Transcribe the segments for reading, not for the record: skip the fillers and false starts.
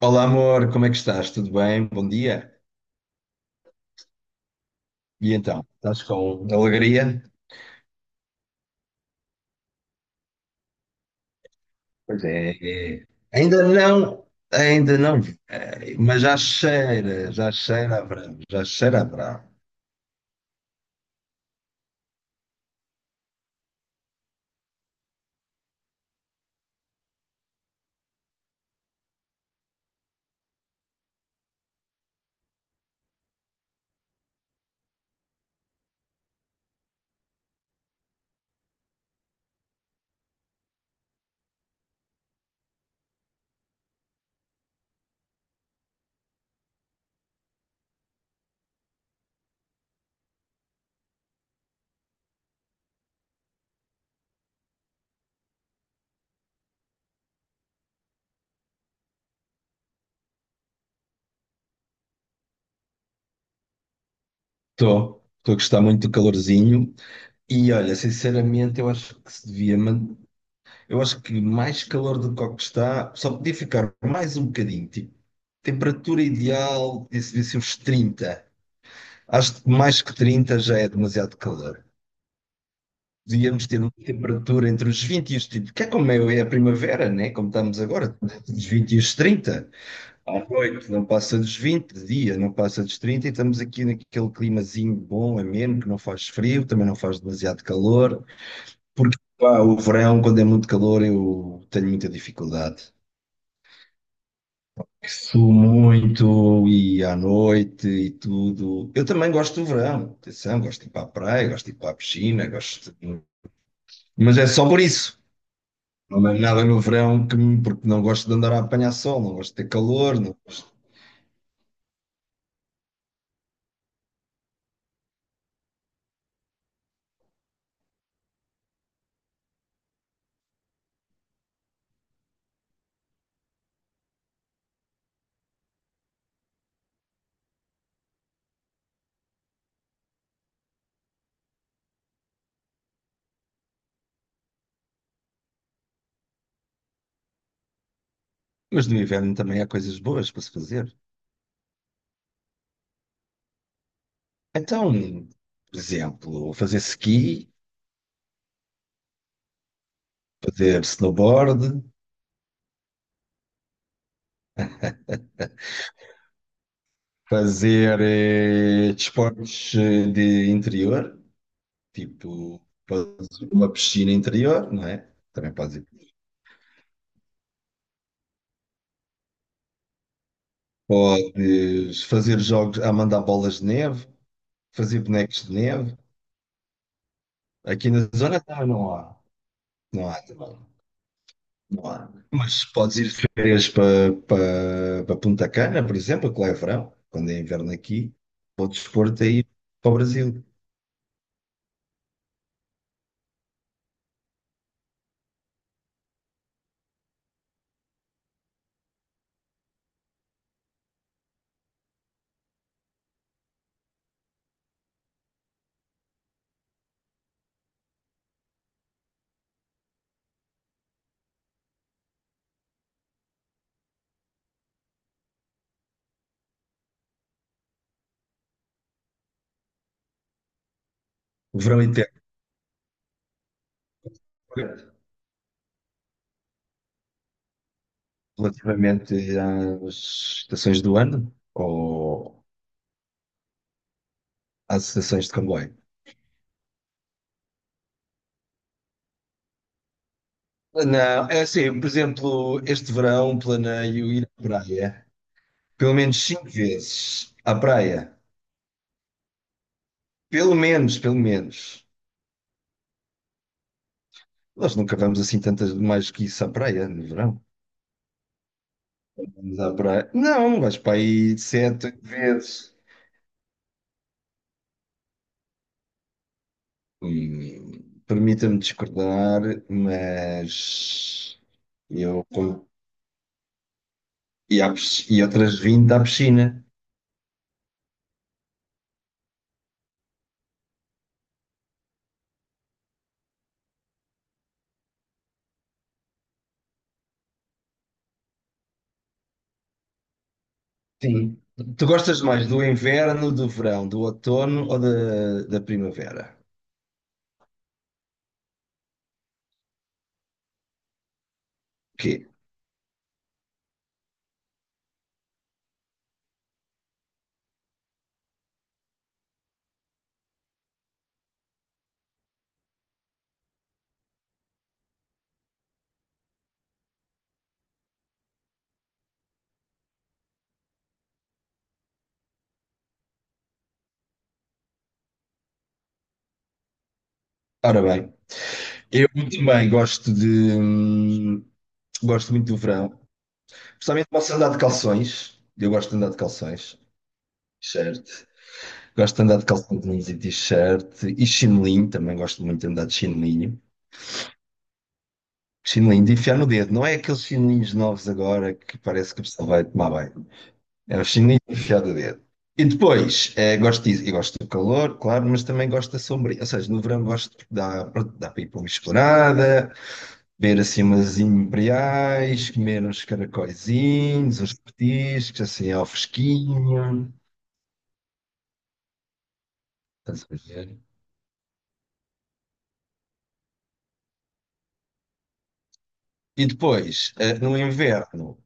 Olá, amor, como é que estás? Tudo bem? Bom dia. E então, estás com alegria? Pois é. É. Ainda não, mas já cheira a verão, já cheira a verão. Estou a gostar muito do calorzinho e olha, sinceramente, eu acho que se devia, man- eu acho que mais calor do que o que está, só podia ficar mais um bocadinho, tipo, temperatura ideal, devia ser uns 30. Acho que mais que 30 já é demasiado calor. Devíamos ter uma temperatura entre os 20 e os 30, que é como é a primavera, né? Como estamos agora, dos os 20 e os 30. À noite não passa dos 20, de dia não passa dos 30, e estamos aqui naquele climazinho bom, ameno, que não faz frio, também não faz demasiado calor, porque pá, o verão, quando é muito calor, eu tenho muita dificuldade. Suo muito e à noite e tudo. Eu também gosto do verão, atenção, gosto de ir para a praia, gosto de ir para a piscina, gosto de... Mas é só por isso. Não é nada no verão que me- porque não gosto de andar a apanhar sol, não gosto de ter calor, não- mas no inverno também há coisas boas para se fazer. Então, por exemplo, fazer ski, fazer snowboard, fazer desportos de interior, tipo, podes ir para uma piscina interior, não é? Também podes ir. Podes fazer jogos a mandar bolas de neve, fazer bonecos de neve. Aqui na zona também não há. Não há também. Não há. Mas podes ir de férias para Punta Cana, por exemplo, que lá é verão, quando é inverno aqui, podes pôr-te aí para o Brasil. O verão inteiro, relativamente às estações do ano ou às estações de comboio. Não, é assim, por exemplo, este verão planeio ir à praia pelo menos cinco vezes à praia. Pelo menos, pelo menos. Nós nunca vamos assim tantas mais que isso à praia no verão. Vamos à praia. Não, vais para aí sete, oito vezes. Permita-me discordar, mas eu com- e, e outras 20 à piscina. Sim. Tu gostas mais do inverno, do verão, do outono ou da, da primavera? Quê? Ora bem, eu também gosto muito do verão. Principalmente posso andar de calções. Eu gosto de andar de calções. Certo. Gosto de andar de calções e t-shirt e chinelinho, também gosto muito de andar de chinelinho. Chinelinho de enfiar no dedo, não é aqueles chinelinhos novos agora que parece que a pessoa vai tomar banho. É o chinelinho de enfiar no dedo. E depois, gosto disso, eu gosto do calor, claro, mas também gosto da sombra. Ou seja, no verão gosto de dar pronto, dá para ir para uma esplanada, ver assim umas imperiais, comer uns caracóizinhos, uns petiscos, assim ao fresquinho. Estás a ver? E depois, no inverno,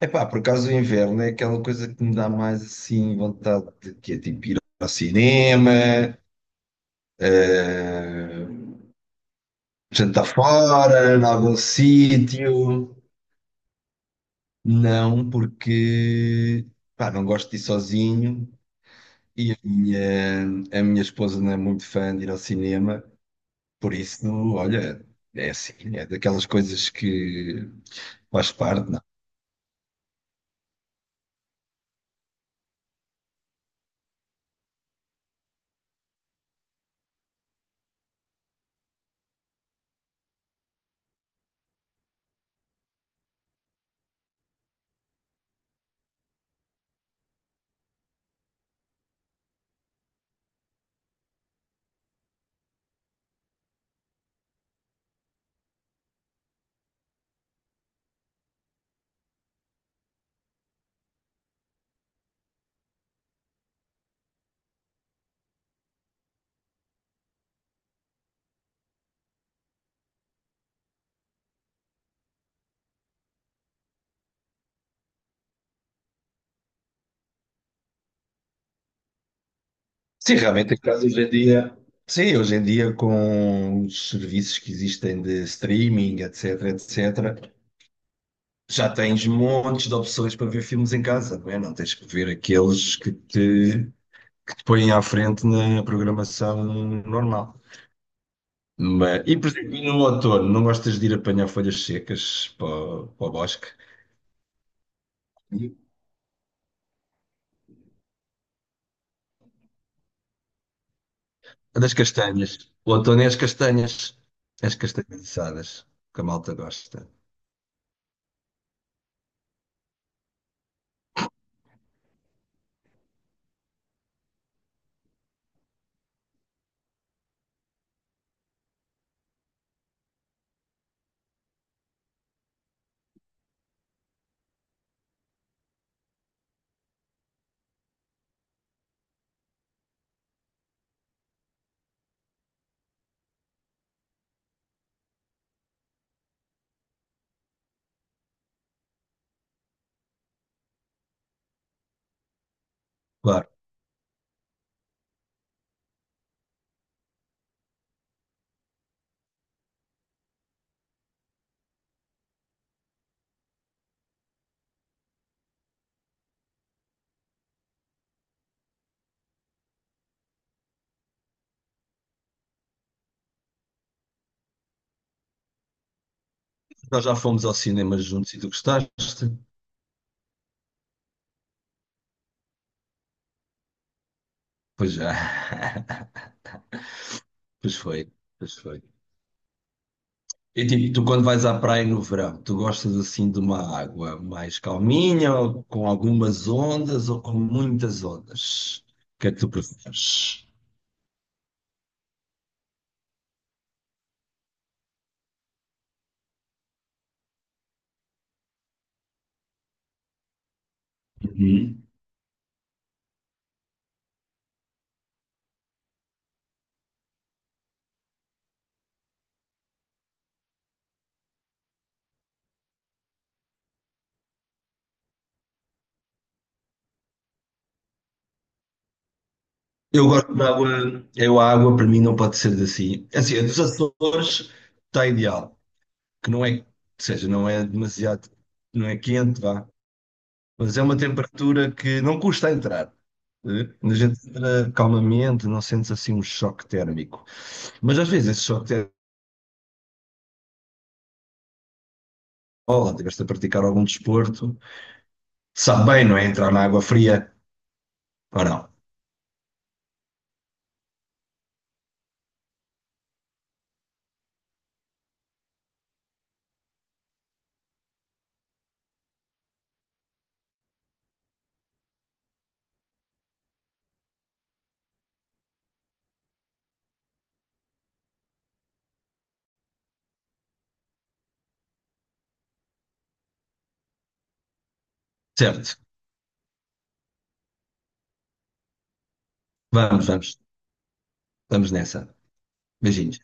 Epá, por acaso o inverno é aquela coisa que me dá mais assim vontade de que é tipo ir ao cinema, eh, jantar fora, em algum sítio. Não, porque pá, não gosto de ir sozinho e a minha esposa não é muito fã de ir ao cinema, por isso, olha, é assim, é daquelas coisas que faz parte, Sim, realmente as casas hoje em dia, sim, hoje em dia com os serviços que existem de streaming, etc, etc, já tens montes de opções para ver filmes em casa, não é? Não tens que ver aqueles que te põem à frente na programação normal. Mas, e por exemplo, e no outono, não gostas de ir apanhar folhas secas para, o para o bosque? Das castanhas. O outono é as castanhas. As castanhas assadas, que a malta gosta. Claro. Nós já fomos ao cinema juntos e tu gostaste? Pois já. Pois foi, pois foi. E tipo, tu quando vais à praia no verão, tu gostas assim de uma água mais calminha, ou com algumas ondas ou com muitas ondas? O que é que tu preferes? Uhum. Eu gosto de água, eu a água para mim não pode ser assim. Assim, a dos Açores está ideal, que não é, ou seja, não é demasiado, não é quente, vá, mas é uma temperatura que não custa a entrar. Eh? A gente entra calmamente, não sentes assim um choque térmico. Mas às vezes esse choque térmico, oh, estiveste a praticar algum desporto, sabe bem, não é? Entrar na água fria ou não. Certo, vamos, vamos, estamos nessa. Beijinhos.